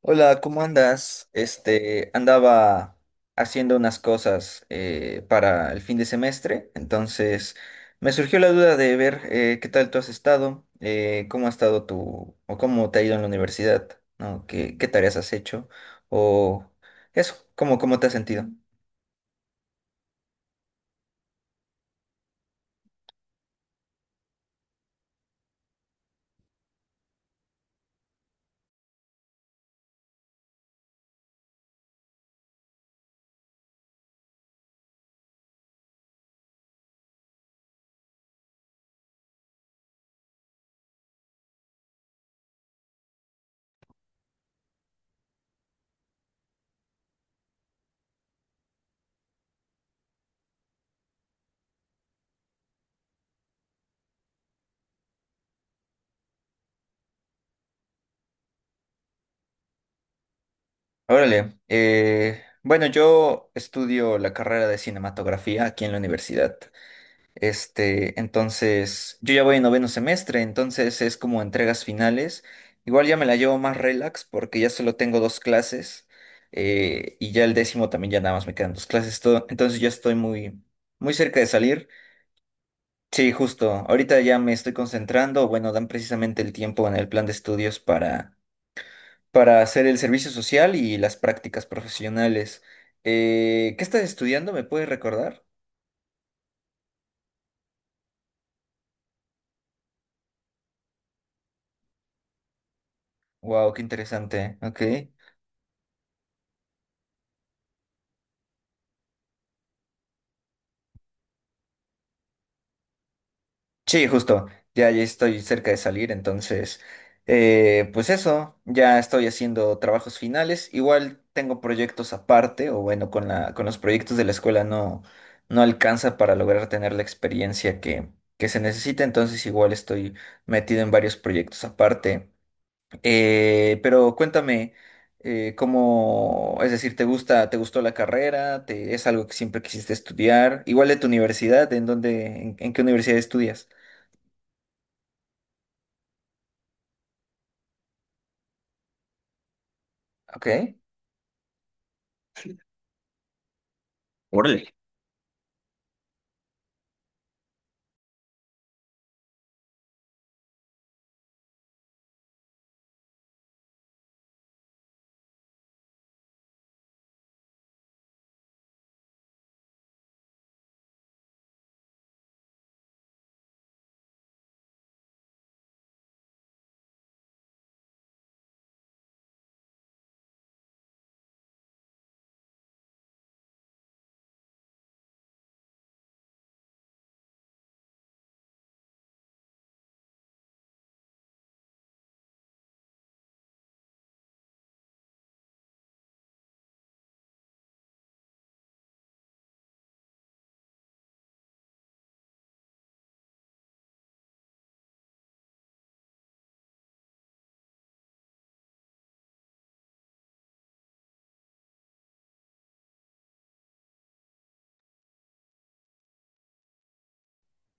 Hola, ¿cómo andas? Este, andaba haciendo unas cosas para el fin de semestre, entonces me surgió la duda de ver qué tal tú has estado, cómo ha estado tu, o cómo te ha ido en la universidad, ¿no? ¿Qué tareas has hecho? O eso, ¿cómo te has sentido? Órale, bueno, yo estudio la carrera de cinematografía aquí en la universidad. Este, entonces, yo ya voy en noveno semestre, entonces es como entregas finales. Igual ya me la llevo más relax porque ya solo tengo dos clases y ya el décimo también ya nada más me quedan dos clases. Entonces ya estoy muy, muy cerca de salir. Sí, justo. Ahorita ya me estoy concentrando. Bueno, dan precisamente el tiempo en el plan de estudios para hacer el servicio social y las prácticas profesionales. ¿Qué estás estudiando? ¿Me puedes recordar? Wow, qué interesante. Ok. Sí, justo. Ya, ya estoy cerca de salir, entonces, pues eso, ya estoy haciendo trabajos finales. Igual tengo proyectos aparte, o bueno, con los proyectos de la escuela no alcanza para lograr tener la experiencia que se necesita, entonces igual estoy metido en varios proyectos aparte. Pero cuéntame, cómo, es decir, ¿te gusta, te gustó la carrera? ¿Te, es algo que siempre quisiste estudiar? Igual de tu universidad, ¿en dónde, en qué universidad estudias? Ok. Órale.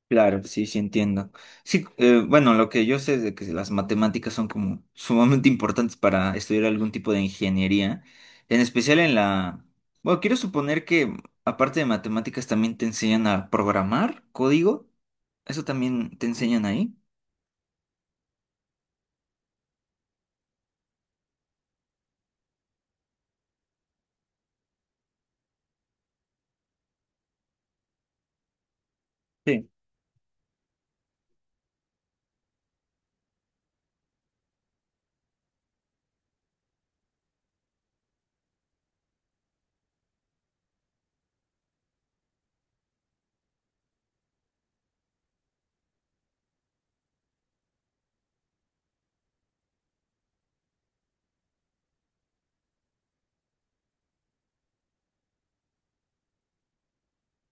Claro, sí, sí entiendo. Sí, bueno, lo que yo sé es de que las matemáticas son como sumamente importantes para estudiar algún tipo de ingeniería, en especial en la. Bueno, quiero suponer que aparte de matemáticas también te enseñan a programar código. ¿Eso también te enseñan ahí? Sí.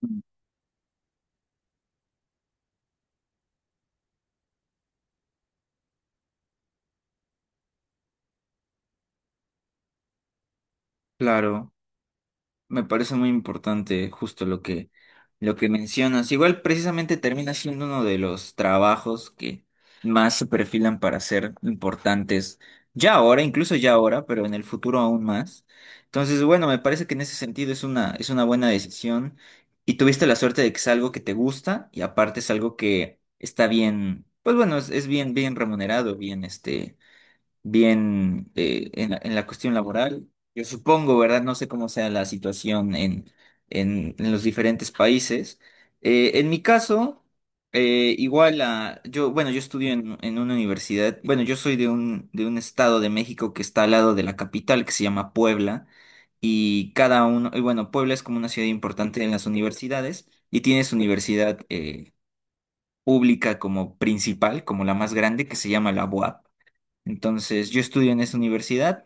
Mm. Claro. Me parece muy importante justo lo lo que mencionas. Igual precisamente termina siendo uno de los trabajos que más se perfilan para ser importantes ya ahora, incluso ya ahora, pero en el futuro aún más. Entonces, bueno, me parece que en ese sentido es una buena decisión y tuviste la suerte de que es algo que te gusta y aparte es algo que está bien, pues bueno, es bien, bien remunerado, bien este bien en la cuestión laboral. Yo supongo, ¿verdad? No sé cómo sea la situación en los diferentes países. En mi caso, igual a, yo, bueno, yo estudio en una universidad, bueno, yo soy de un estado de México que está al lado de la capital, que se llama Puebla, y cada uno, y bueno, Puebla es como una ciudad importante en las universidades, y tiene su universidad pública como principal, como la más grande, que se llama la UAP. Entonces, yo estudio en esa universidad,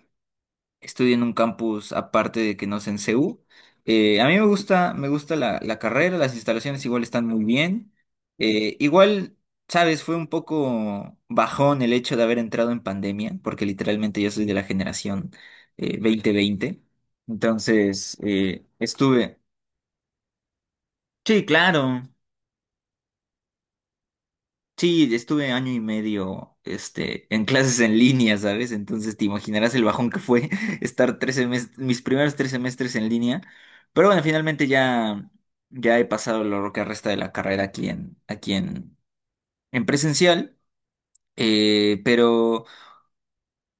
estudio en un campus aparte de que no es en CU. A mí me gusta la carrera, las instalaciones igual están muy bien. Igual, sabes, fue un poco bajón el hecho de haber entrado en pandemia, porque literalmente yo soy de la generación 2020. Entonces, estuve. Sí, claro. Sí, estuve año y medio, este, en clases en línea, ¿sabes? Entonces te imaginarás el bajón que fue estar tres semestres, mis primeros tres semestres en línea. Pero bueno, finalmente ya, ya he pasado lo que resta de la carrera aquí aquí en presencial. Pero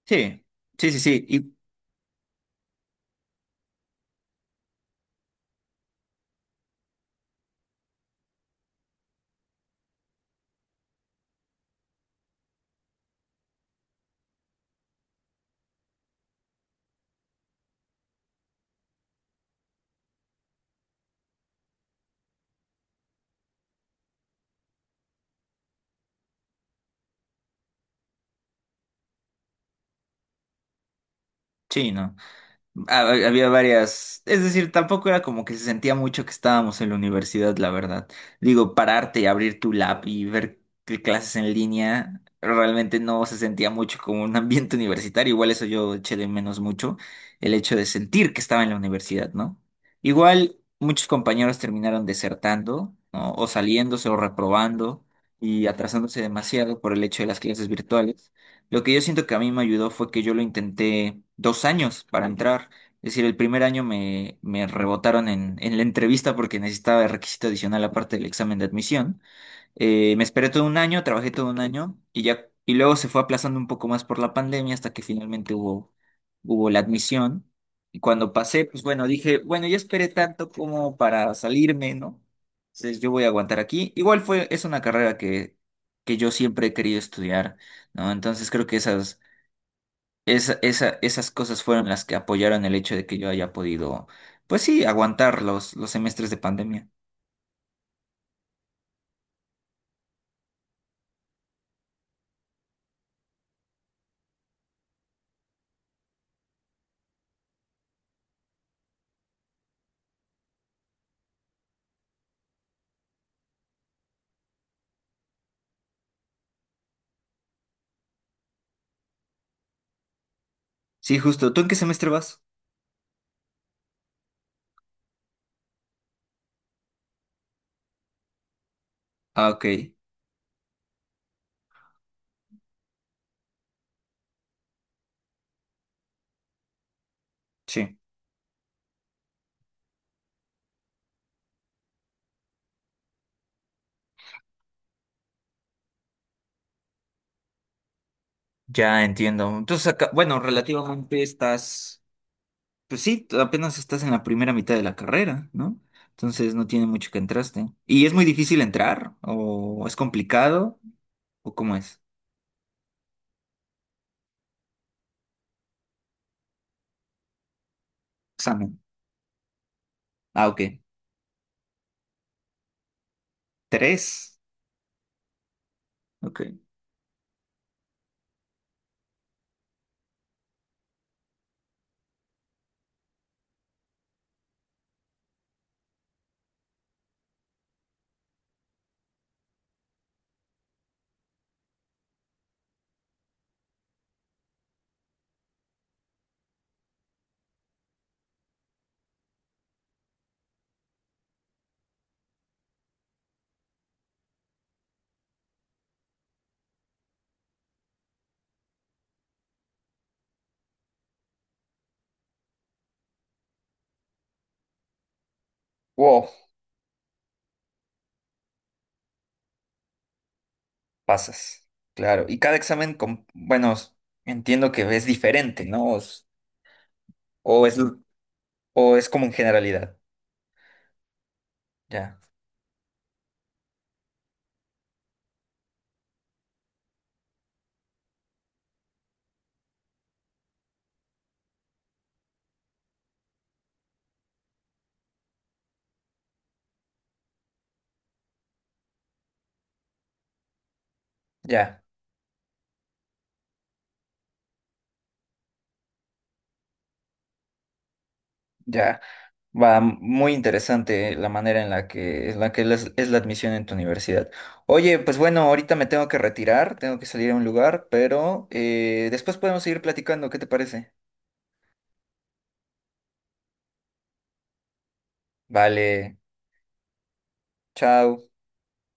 sí, sí, sí, sí. Y sí, no. Había varias, es decir, tampoco era como que se sentía mucho que estábamos en la universidad, la verdad. Digo, pararte y abrir tu lab y ver qué clases en línea, realmente no se sentía mucho como un ambiente universitario. Igual eso yo eché de menos mucho, el hecho de sentir que estaba en la universidad, ¿no? Igual muchos compañeros terminaron desertando, ¿no? O saliéndose o reprobando y atrasándose demasiado por el hecho de las clases virtuales. Lo que yo siento que a mí me ayudó fue que yo lo intenté dos años para entrar. Es decir, el primer año me rebotaron en la entrevista porque necesitaba el requisito adicional aparte del examen de admisión. Me esperé todo un año, trabajé todo un año y ya, y luego se fue aplazando un poco más por la pandemia hasta que finalmente hubo la admisión. Y cuando pasé, pues bueno, dije, bueno, ya esperé tanto como para salirme, ¿no? Entonces yo voy a aguantar aquí. Igual fue, es una carrera que yo siempre he querido estudiar, ¿no? Entonces creo que esas esas cosas fueron las que apoyaron el hecho de que yo haya podido, pues sí, aguantar los semestres de pandemia. Sí, justo. ¿Tú en qué semestre vas? Ah, ok. Sí. Ya entiendo. Entonces, acá, bueno, relativamente estás, pues sí, apenas estás en la primera mitad de la carrera, ¿no? Entonces no tiene mucho que entraste. ¿Y es muy difícil entrar? ¿O es complicado? ¿O cómo es? Examen. Ah, ok. Tres. Ok. Wow, Pasas, claro. Y cada examen, bueno, entiendo que es diferente, ¿no? Es. O es, o es como en generalidad. Ya, ya, ya. Va muy interesante la manera en la en la que es, la admisión en tu universidad. Oye, pues bueno, ahorita me tengo que retirar, tengo que salir a un lugar, pero después podemos seguir platicando, ¿qué te parece? Vale, chao.